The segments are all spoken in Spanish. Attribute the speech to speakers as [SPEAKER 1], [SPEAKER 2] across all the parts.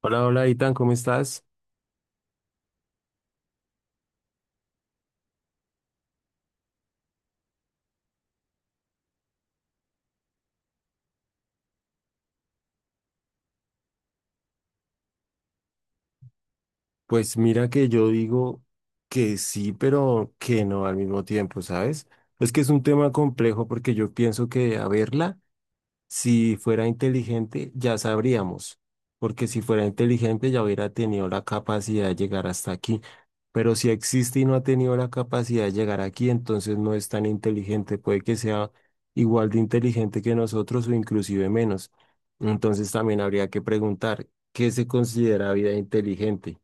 [SPEAKER 1] Hola, hola, Itan, ¿cómo estás? Pues mira que yo digo que sí, pero que no al mismo tiempo, ¿sabes? Es que es un tema complejo porque yo pienso que a verla. Si fuera inteligente, ya sabríamos, porque si fuera inteligente ya hubiera tenido la capacidad de llegar hasta aquí. Pero si existe y no ha tenido la capacidad de llegar aquí, entonces no es tan inteligente. Puede que sea igual de inteligente que nosotros o inclusive menos. Entonces también habría que preguntar, ¿qué se considera vida inteligente?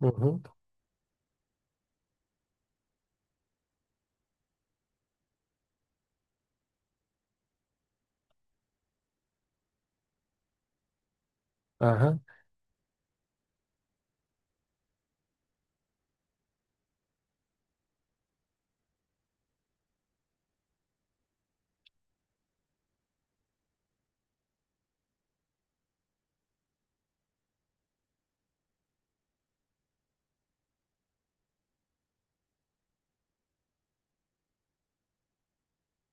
[SPEAKER 1] Ujú. Ajá.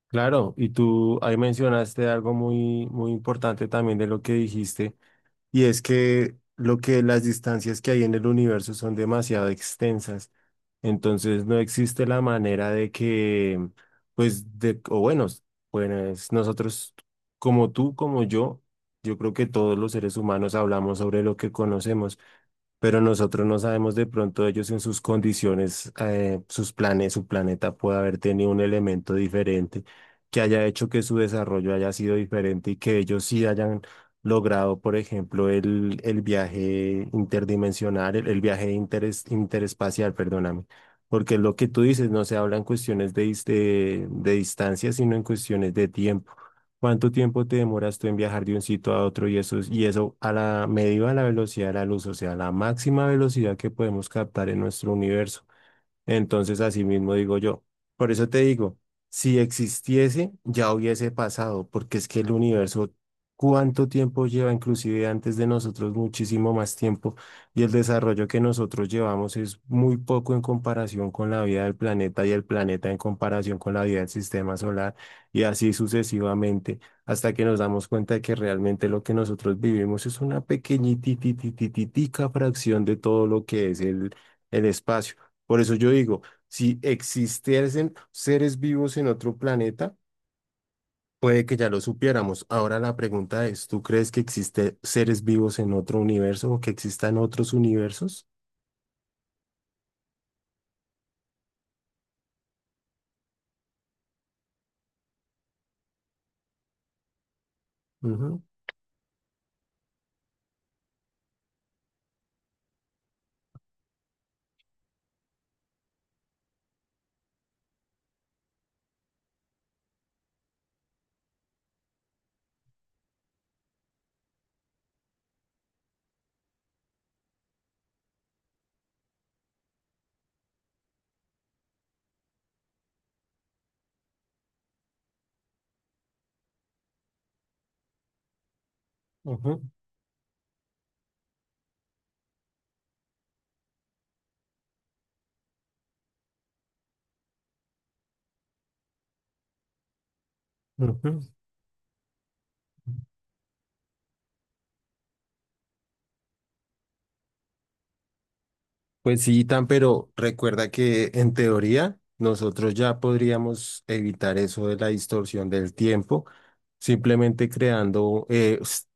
[SPEAKER 1] Claro, y tú ahí mencionaste algo muy, muy importante también de lo que dijiste. Y es que lo que las distancias que hay en el universo son demasiado extensas, entonces no existe la manera de que, pues, de, o bueno, pues nosotros, como tú, como yo creo que todos los seres humanos hablamos sobre lo que conocemos, pero nosotros no sabemos de pronto ellos en sus condiciones, sus planes, su planeta puede haber tenido un elemento diferente que haya hecho que su desarrollo haya sido diferente y que ellos sí hayan logrado, por ejemplo, el viaje interdimensional, el, el viaje interespacial, perdóname. Porque es lo que tú dices, no se habla en cuestiones de, de distancia, sino en cuestiones de tiempo. ¿Cuánto tiempo te demoras tú en viajar de un sitio a otro y eso, y eso a la medida de la velocidad de la luz, o sea, la máxima velocidad que podemos captar en nuestro universo? Entonces, así mismo digo yo. Por eso te digo, si existiese, ya hubiese pasado, porque es que el universo, cuánto tiempo lleva, inclusive antes de nosotros, muchísimo más tiempo, y el desarrollo que nosotros llevamos es muy poco en comparación con la vida del planeta y el planeta en comparación con la vida del sistema solar, y así sucesivamente, hasta que nos damos cuenta de que realmente lo que nosotros vivimos es una pequeñitititititica fracción de todo lo que es el espacio. Por eso yo digo, si existiesen seres vivos en otro planeta, puede que ya lo supiéramos. Ahora la pregunta es, ¿tú crees que existen seres vivos en otro universo o que existan otros universos? Ujú, ujú, ujú. Pues sí, tan, pero recuerda que en teoría nosotros ya podríamos evitar eso de la distorsión del tiempo, simplemente creando,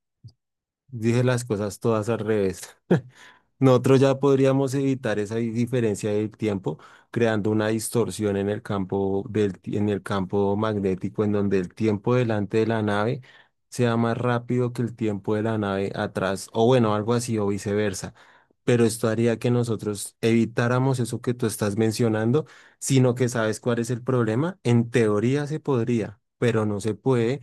[SPEAKER 1] dije las cosas todas al revés. Nosotros ya podríamos evitar esa diferencia del tiempo creando una distorsión en el campo del, en el campo magnético, en donde el tiempo delante de la nave sea más rápido que el tiempo de la nave atrás, o bueno, algo así o viceversa. Pero esto haría que nosotros evitáramos eso que tú estás mencionando, sino que sabes cuál es el problema. En teoría se podría, pero no se puede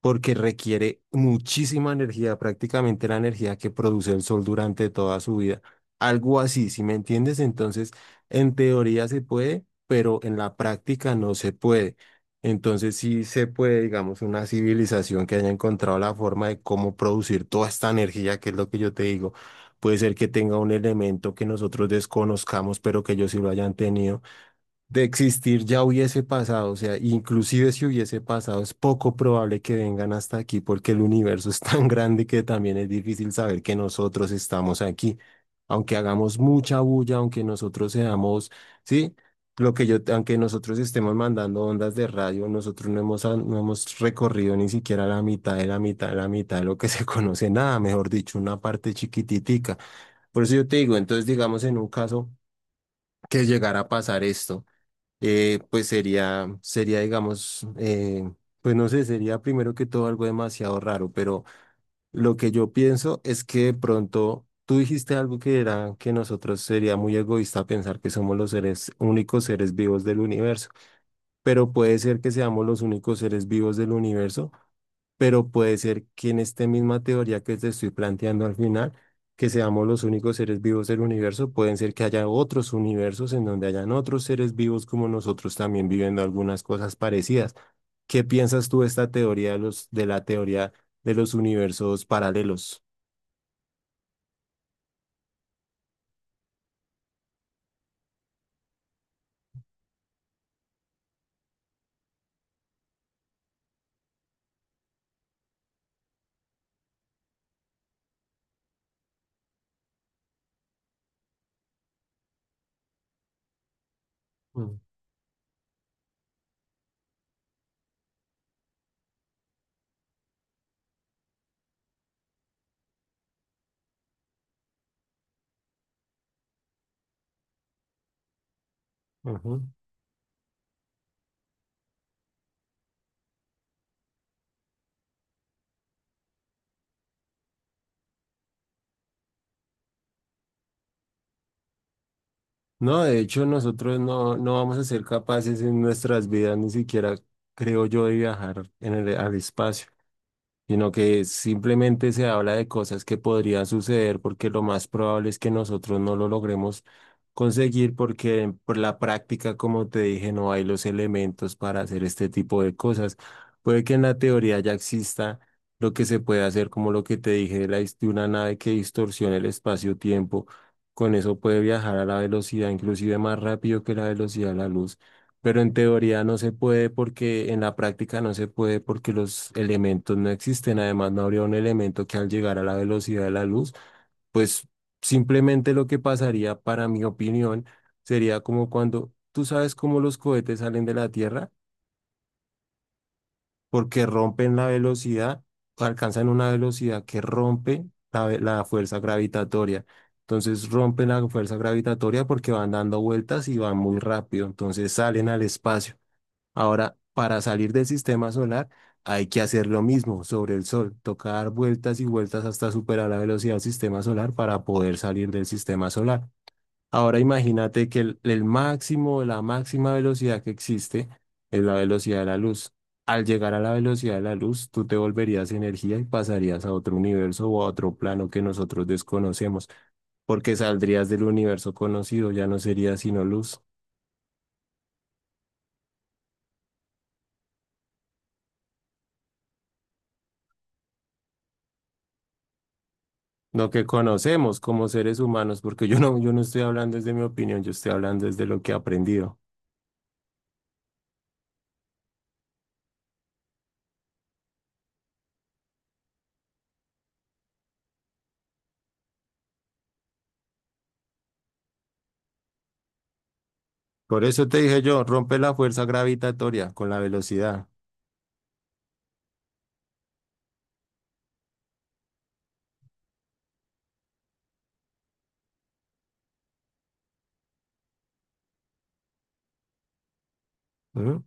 [SPEAKER 1] porque requiere muchísima energía, prácticamente la energía que produce el sol durante toda su vida. Algo así, si me entiendes, entonces en teoría se puede, pero en la práctica no se puede. Entonces sí se puede, digamos, una civilización que haya encontrado la forma de cómo producir toda esta energía, que es lo que yo te digo. Puede ser que tenga un elemento que nosotros desconozcamos, pero que ellos sí lo hayan tenido. De existir ya hubiese pasado, o sea, inclusive si hubiese pasado, es poco probable que vengan hasta aquí porque el universo es tan grande que también es difícil saber que nosotros estamos aquí. Aunque hagamos mucha bulla, aunque nosotros seamos, sí, lo que yo, aunque nosotros estemos mandando ondas de radio, nosotros no hemos, no hemos recorrido ni siquiera la mitad de la mitad de la mitad de lo que se conoce, nada, mejor dicho, una parte chiquititica. Por eso yo te digo, entonces digamos en un caso que llegara a pasar esto, pues sería, sería, digamos, pues no sé, sería primero que todo algo demasiado raro, pero lo que yo pienso es que de pronto tú dijiste algo que era que nosotros sería muy egoísta pensar que somos los seres, únicos seres vivos del universo, pero puede ser que seamos los únicos seres vivos del universo, pero puede ser que en esta misma teoría que te estoy planteando al final, que seamos los únicos seres vivos del universo, pueden ser que haya otros universos en donde hayan otros seres vivos como nosotros también viviendo algunas cosas parecidas. ¿Qué piensas tú de esta teoría de los, de la teoría de los universos paralelos? Mm. Ujú. No, de hecho, nosotros no, no vamos a ser capaces en nuestras vidas, ni siquiera creo yo, de viajar en el, al espacio. Sino que simplemente se habla de cosas que podrían suceder porque lo más probable es que nosotros no lo logremos conseguir porque por la práctica, como te dije, no hay los elementos para hacer este tipo de cosas. Puede que en la teoría ya exista lo que se puede hacer, como lo que te dije de, la, de una nave que distorsiona el espacio-tiempo. Con eso puede viajar a la velocidad, inclusive más rápido que la velocidad de la luz. Pero en teoría no se puede porque en la práctica no se puede porque los elementos no existen. Además, no habría un elemento que al llegar a la velocidad de la luz, pues simplemente lo que pasaría, para mi opinión, sería como cuando tú sabes cómo los cohetes salen de la Tierra porque rompen la velocidad, alcanzan una velocidad que rompe la, la fuerza gravitatoria. Entonces rompen la fuerza gravitatoria porque van dando vueltas y van muy rápido. Entonces salen al espacio. Ahora, para salir del sistema solar, hay que hacer lo mismo sobre el Sol, toca dar vueltas y vueltas hasta superar la velocidad del sistema solar para poder salir del sistema solar. Ahora imagínate que el máximo, la máxima velocidad que existe es la velocidad de la luz. Al llegar a la velocidad de la luz, tú te volverías energía y pasarías a otro universo o a otro plano que nosotros desconocemos, porque saldrías del universo conocido, ya no sería sino luz. Lo que conocemos como seres humanos, porque yo no, yo no estoy hablando desde mi opinión, yo estoy hablando desde lo que he aprendido. Por eso te dije yo, rompe la fuerza gravitatoria con la velocidad. ¿Mm?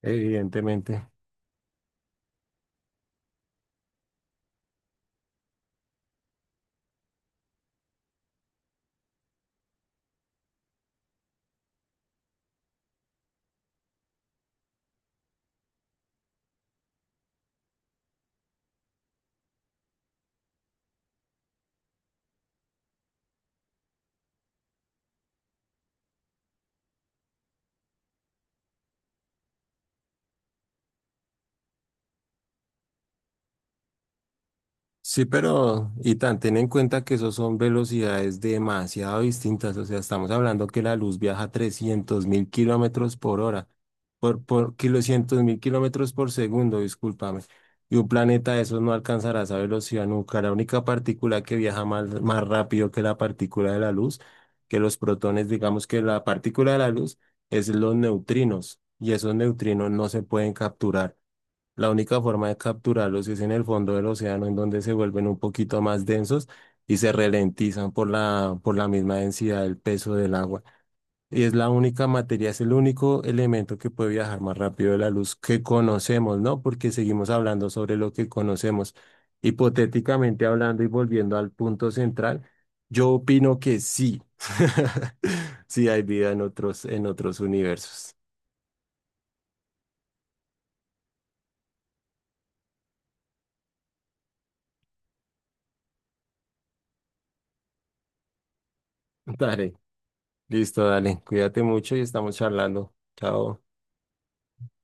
[SPEAKER 1] Evidentemente. Sí, pero, y tan, ten en cuenta que esos son velocidades demasiado distintas. O sea, estamos hablando que la luz viaja 300.000 kilómetros por hora, por kilocientos mil kilómetros por segundo, discúlpame. Y un planeta de esos no alcanzará esa velocidad nunca. La única partícula que viaja más, más rápido que la partícula de la luz, que los protones, digamos que la partícula de la luz, es los neutrinos. Y esos neutrinos no se pueden capturar. La única forma de capturarlos es en el fondo del océano, en donde se vuelven un poquito más densos y se ralentizan por la misma densidad del peso del agua. Y es la única materia, es el único elemento que puede viajar más rápido de la luz que conocemos, ¿no? Porque seguimos hablando sobre lo que conocemos. Hipotéticamente hablando y volviendo al punto central, yo opino que sí. Sí hay vida en otros universos. Dale. Listo, dale. Cuídate mucho y estamos charlando. Chao.